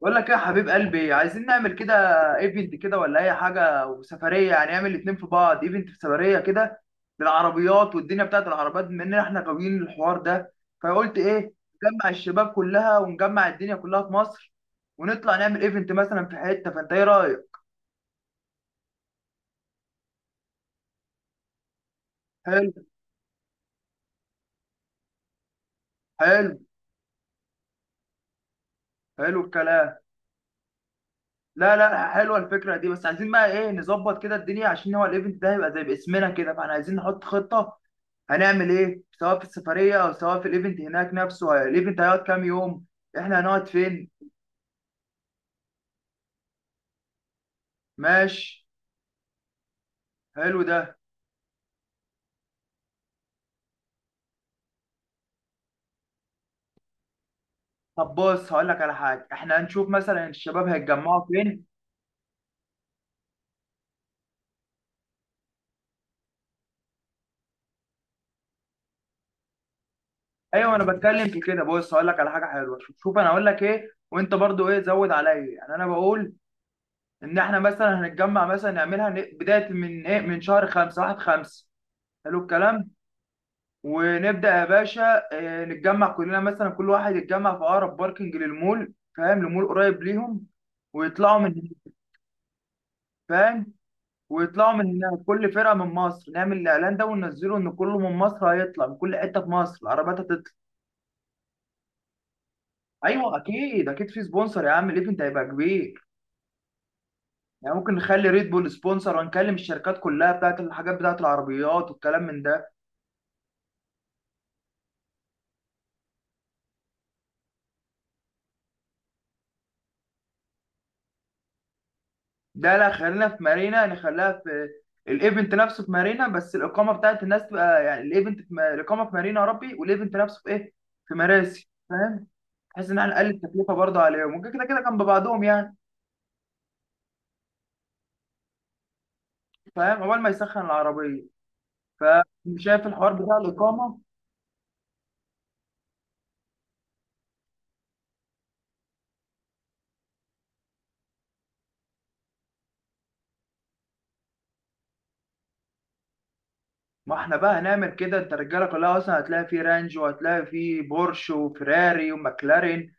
بقول لك إيه يا حبيب قلبي، عايزين نعمل كده ايفنت كده ولا اي حاجه وسفريه، يعني نعمل الاتنين في بعض، ايفنت في سفريه كده للعربيات والدنيا بتاعت العربيات، بما ان احنا غاويين الحوار ده. فقلت ايه؟ نجمع الشباب كلها ونجمع الدنيا كلها في مصر ونطلع نعمل ايفنت مثلا في حته. فانت ايه رايك؟ حلو. حلو. حلو الكلام. لا لا، حلوه الفكره دي، بس عايزين بقى ايه نظبط كده الدنيا، عشان هو الايفنت ده هيبقى زي باسمنا كده، فاحنا عايزين نحط خطه. هنعمل ايه سواء في السفريه او سواء في الايفنت هناك نفسه؟ الايفنت هيقعد كام يوم؟ احنا هنقعد فين؟ ماشي. حلو ده. طب بص هقول لك على حاجه، احنا هنشوف مثلا الشباب هيتجمعوا فين. ايوه انا بتكلم في كده، بص هقول لك على حاجه حلوه. شوف شوف، انا هقول لك ايه وانت برضو ايه زود عليا، يعني انا بقول ان احنا مثلا هنتجمع، مثلا نعملها بدايه من ايه، من شهر 5، 1/5. حلو الكلام. ونبدأ يا باشا. نتجمع كلنا، مثلا كل واحد يتجمع في أقرب باركنج للمول، فاهم؟ لمول قريب ليهم ويطلعوا من هناك، فاهم؟ ويطلعوا من هناك، كل فرقة من مصر. نعمل الإعلان ده وننزله إن كله من مصر هيطلع، من كل حتة في مصر العربيات هتطلع. أيوه، أكيد أكيد في سبونسر يا عم، الإيفنت هيبقى كبير. يعني ممكن نخلي ريد بول سبونسر ونكلم الشركات كلها بتاعت الحاجات بتاعت العربيات والكلام من ده. ده لا، خلينا في مارينا، نخليها في الايفنت نفسه في مارينا، بس الاقامه بتاعت الناس تبقى، يعني الايفنت في الاقامه في مارينا يا ربي، والايفنت نفسه في ايه، في مراسي، فاهم؟ بحيث ان احنا نقلل التكلفه برضه عليهم، ممكن كده كده جنب بعضهم يعني. فاهم؟ اول ما يسخن العربيه. فشايف الحوار بتاع الاقامه؟ ما احنا بقى هنعمل كده، انت الرجاله كلها اصلا هتلاقي فيه رانج وهتلاقي فيه بورش وفيراري وماكلارين،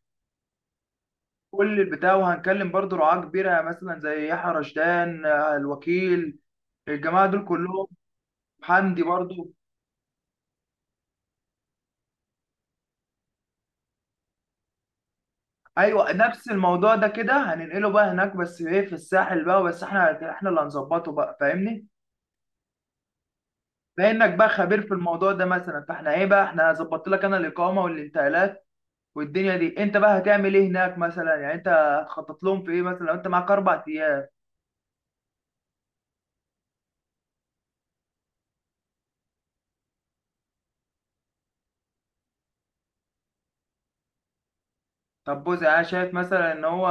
كل البتاع. وهنكلم برضه رعاة كبيره، يعني مثلا زي يحيى رشدان، الوكيل، الجماعه دول كلهم. حمدي برضو. ايوه نفس الموضوع ده كده هننقله بقى هناك، بس ايه في الساحل بقى، بس احنا اللي هنظبطه بقى، فاهمني؟ فانك بقى خبير في الموضوع ده مثلا، فاحنا ايه بقى، احنا ظبطت لك انا الاقامه والانتقالات والدنيا دي، انت بقى هتعمل ايه هناك مثلا؟ يعني انت هتخطط لهم في ايه مثلا لو انت معاك 4 ايام؟ طب بص، يعني انا شايف مثلا ان هو،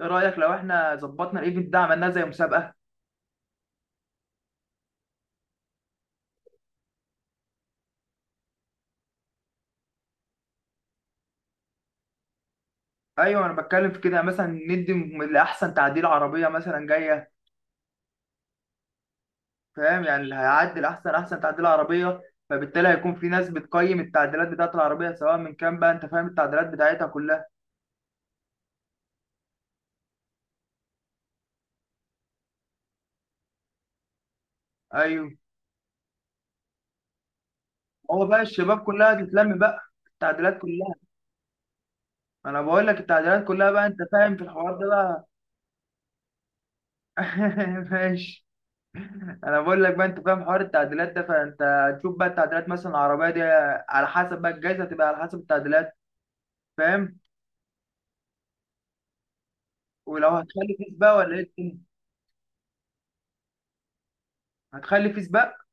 ايه رايك لو احنا ظبطنا الايفنت ده عملناه زي مسابقه؟ ايوه انا بتكلم في كده. مثلا ندي لاحسن تعديل عربيه مثلا جايه، فاهم؟ يعني اللي هيعدل احسن تعديل عربيه، فبالتالي هيكون في ناس بتقيم التعديلات بتاعت العربيه سواء من كام بقى، انت فاهم التعديلات بتاعتها كلها. ايوه. هو بقى الشباب كلها تتلم بقى، التعديلات كلها. انا بقول لك التعديلات كلها بقى، انت فاهم في الحوار ده بقى. ماشي. انا بقول لك بقى، انت فاهم حوار التعديلات ده، فانت هتشوف بقى التعديلات، مثلا العربيه دي على حسب بقى، الجائزه هتبقى على حسب التعديلات، فاهم؟ ولو هتخلي فيس بقى ولا ايه الدنيا؟ هتخلي فيس بقى.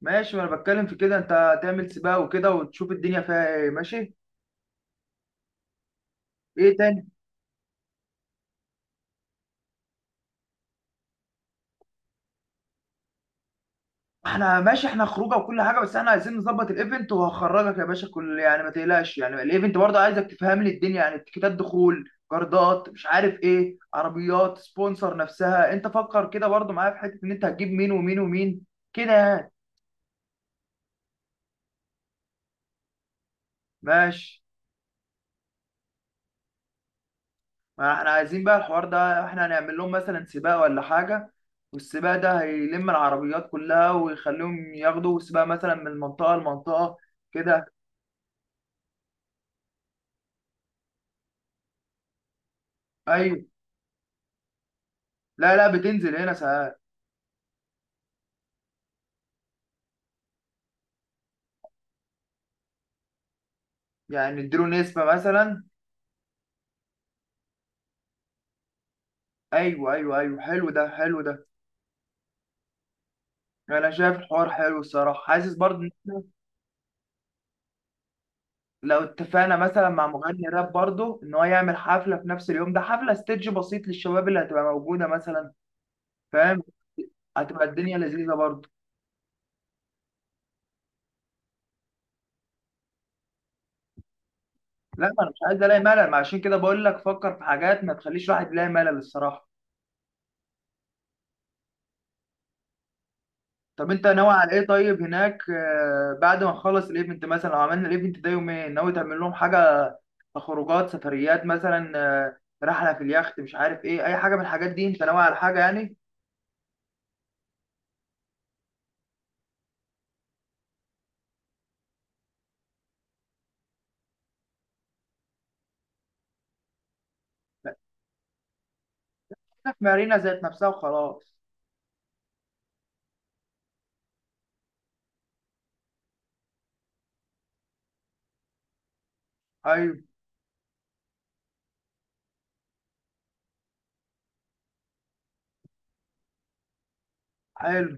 ماشي. وانا بتكلم في كده، انت تعمل سباق وكده وتشوف الدنيا فيها ايه. ماشي. ايه تاني؟ احنا ماشي، احنا خروجه وكل حاجه، بس احنا عايزين نظبط الايفنت وهخرجك يا باشا، كل يعني ما تقلقش، يعني الايفنت برضه عايزك تفهم لي الدنيا، يعني تيكيتات دخول، جردات، مش عارف ايه، عربيات سبونسر نفسها انت فكر كده برضه معايا في حته، ان انت هتجيب مين ومين ومين كده يعني. ماشي. ما احنا عايزين بقى الحوار ده، احنا هنعمل لهم مثلا سباق ولا حاجة، والسباق ده هيلم العربيات كلها ويخليهم ياخدوا سباق مثلا من منطقة لمنطقة كده. ايوه. لا لا، بتنزل هنا ساعات. يعني اديله نسبة مثلا. ايوه ايوه ايوه، حلو ده حلو ده. انا شايف الحوار حلو الصراحة، حاسس برضه إن، لو اتفقنا مثلا مع مغني راب برضه ان هو يعمل حفلة في نفس اليوم ده، حفلة ستيدج بسيط للشباب اللي هتبقى موجودة مثلا، فاهم؟ هتبقى الدنيا لذيذة برضه. لا، ما انا مش عايز الاقي ملل، ما عشان كده بقول لك فكر في حاجات ما تخليش الواحد يلاقي ملل الصراحه. طب انت ناوي على ايه طيب هناك؟ بعد ما نخلص الايفنت، مثلا لو عملنا الايفنت ده يومين، ناوي تعمل لهم حاجه؟ خروجات، سفريات مثلا، رحله في اليخت، مش عارف ايه، اي حاجه من الحاجات دي؟ انت ناوي على حاجه يعني؟ لا، في مارينا ذات نفسها وخلاص. ايوه. حلو.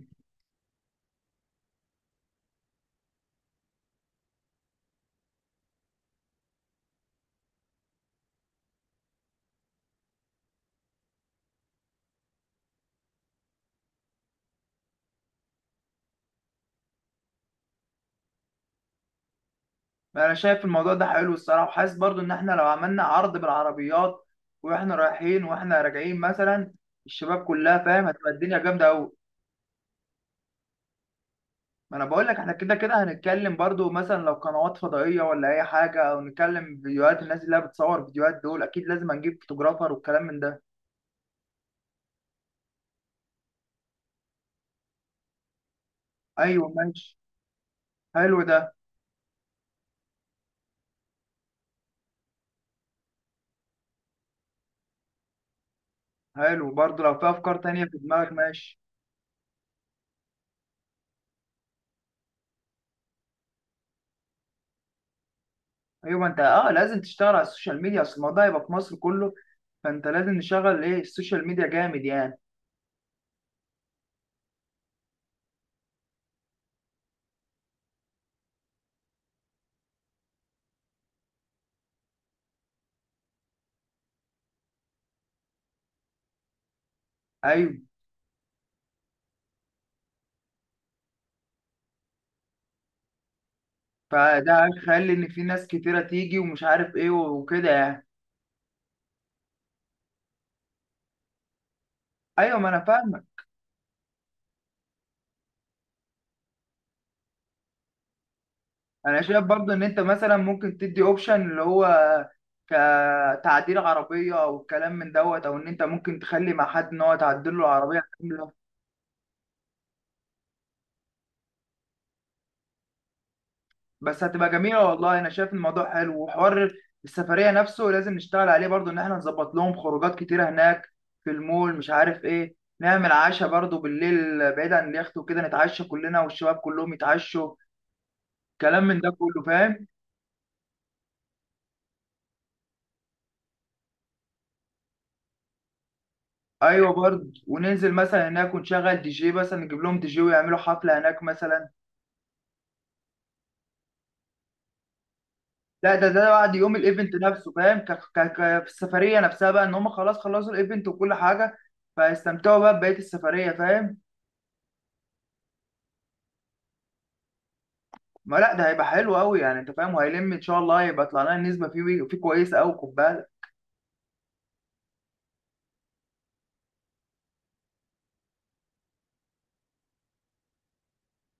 انا شايف الموضوع ده حلو الصراحه، وحاسس برضو ان احنا لو عملنا عرض بالعربيات، واحنا رايحين واحنا راجعين مثلا، الشباب كلها فاهم، هتبقى الدنيا جامده قوي. ما انا بقول لك، احنا كده كده هنتكلم برضو مثلا لو قنوات فضائيه ولا اي حاجه، او نتكلم فيديوهات الناس اللي هي بتصور فيديوهات دول، اكيد لازم هنجيب فوتوغرافر والكلام من ده. ايوه، ماشي. حلو ده. حلو برضو، لو في افكار تانية في دماغك. ماشي. ايوه ما انت اه، لازم تشتغل على السوشيال ميديا، اصل الموضوع هيبقى في مصر كله، فانت لازم نشغل ايه السوشيال ميديا جامد يعني. ايوه. فده هيخلي ان في ناس كتيره تيجي ومش عارف ايه وكده يعني. ايوه ما انا فاهم. انا شايف برضو ان انت مثلا ممكن تدي اوبشن اللي هو، كتعديل عربيه او الكلام من دوت، او ان انت ممكن تخلي مع حد ان هو تعدل له العربيه كامله. بس هتبقى جميله والله. انا شايف الموضوع حلو وحوار. السفريه نفسه لازم نشتغل عليه برضو، ان احنا نظبط لهم خروجات كتيره هناك في المول، مش عارف ايه، نعمل عشاء برضو بالليل بعيد عن اليخت وكده، نتعشى كلنا والشباب كلهم يتعشوا، كلام من ده كله، فاهم؟ ايوه برضه، وننزل مثلا هناك ونشغل دي جي مثلا، نجيب لهم دي جي ويعملوا حفله هناك مثلا. لا، ده ده بعد يوم الايفنت نفسه فاهم. في السفريه نفسها بقى، ان هم خلاص خلصوا الايفنت وكل حاجه، فيستمتعوا بقى ببقيه السفريه، فاهم؟ ما لا، ده هيبقى حلو قوي، يعني انت فاهم، وهيلم ان شاء الله، هيبقى طلع لنا النسبه فيه كويسه قوي، خد بالك.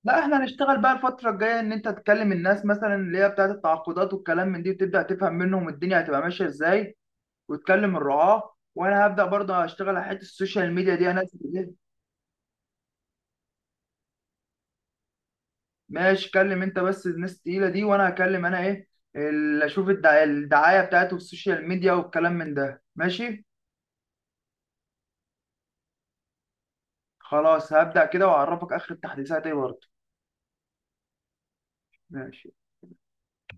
لا احنا هنشتغل بقى الفتره الجايه، ان انت تكلم الناس مثلا اللي هي بتاعت التعاقدات والكلام من دي، وتبدا تفهم منهم الدنيا هتبقى ماشيه ازاي، وتكلم الرعاة، وانا هبدأ برضه اشتغل على حتة السوشيال ميديا دي انا. إيه؟ ماشي. كلم انت بس الناس التقيلة دي، وانا هكلم انا ايه اللي اشوف الدعاية بتاعته في السوشيال ميديا والكلام من ده. ماشي. خلاص هبدأ كده واعرفك اخر التحديثات ايه برضه. ماشي.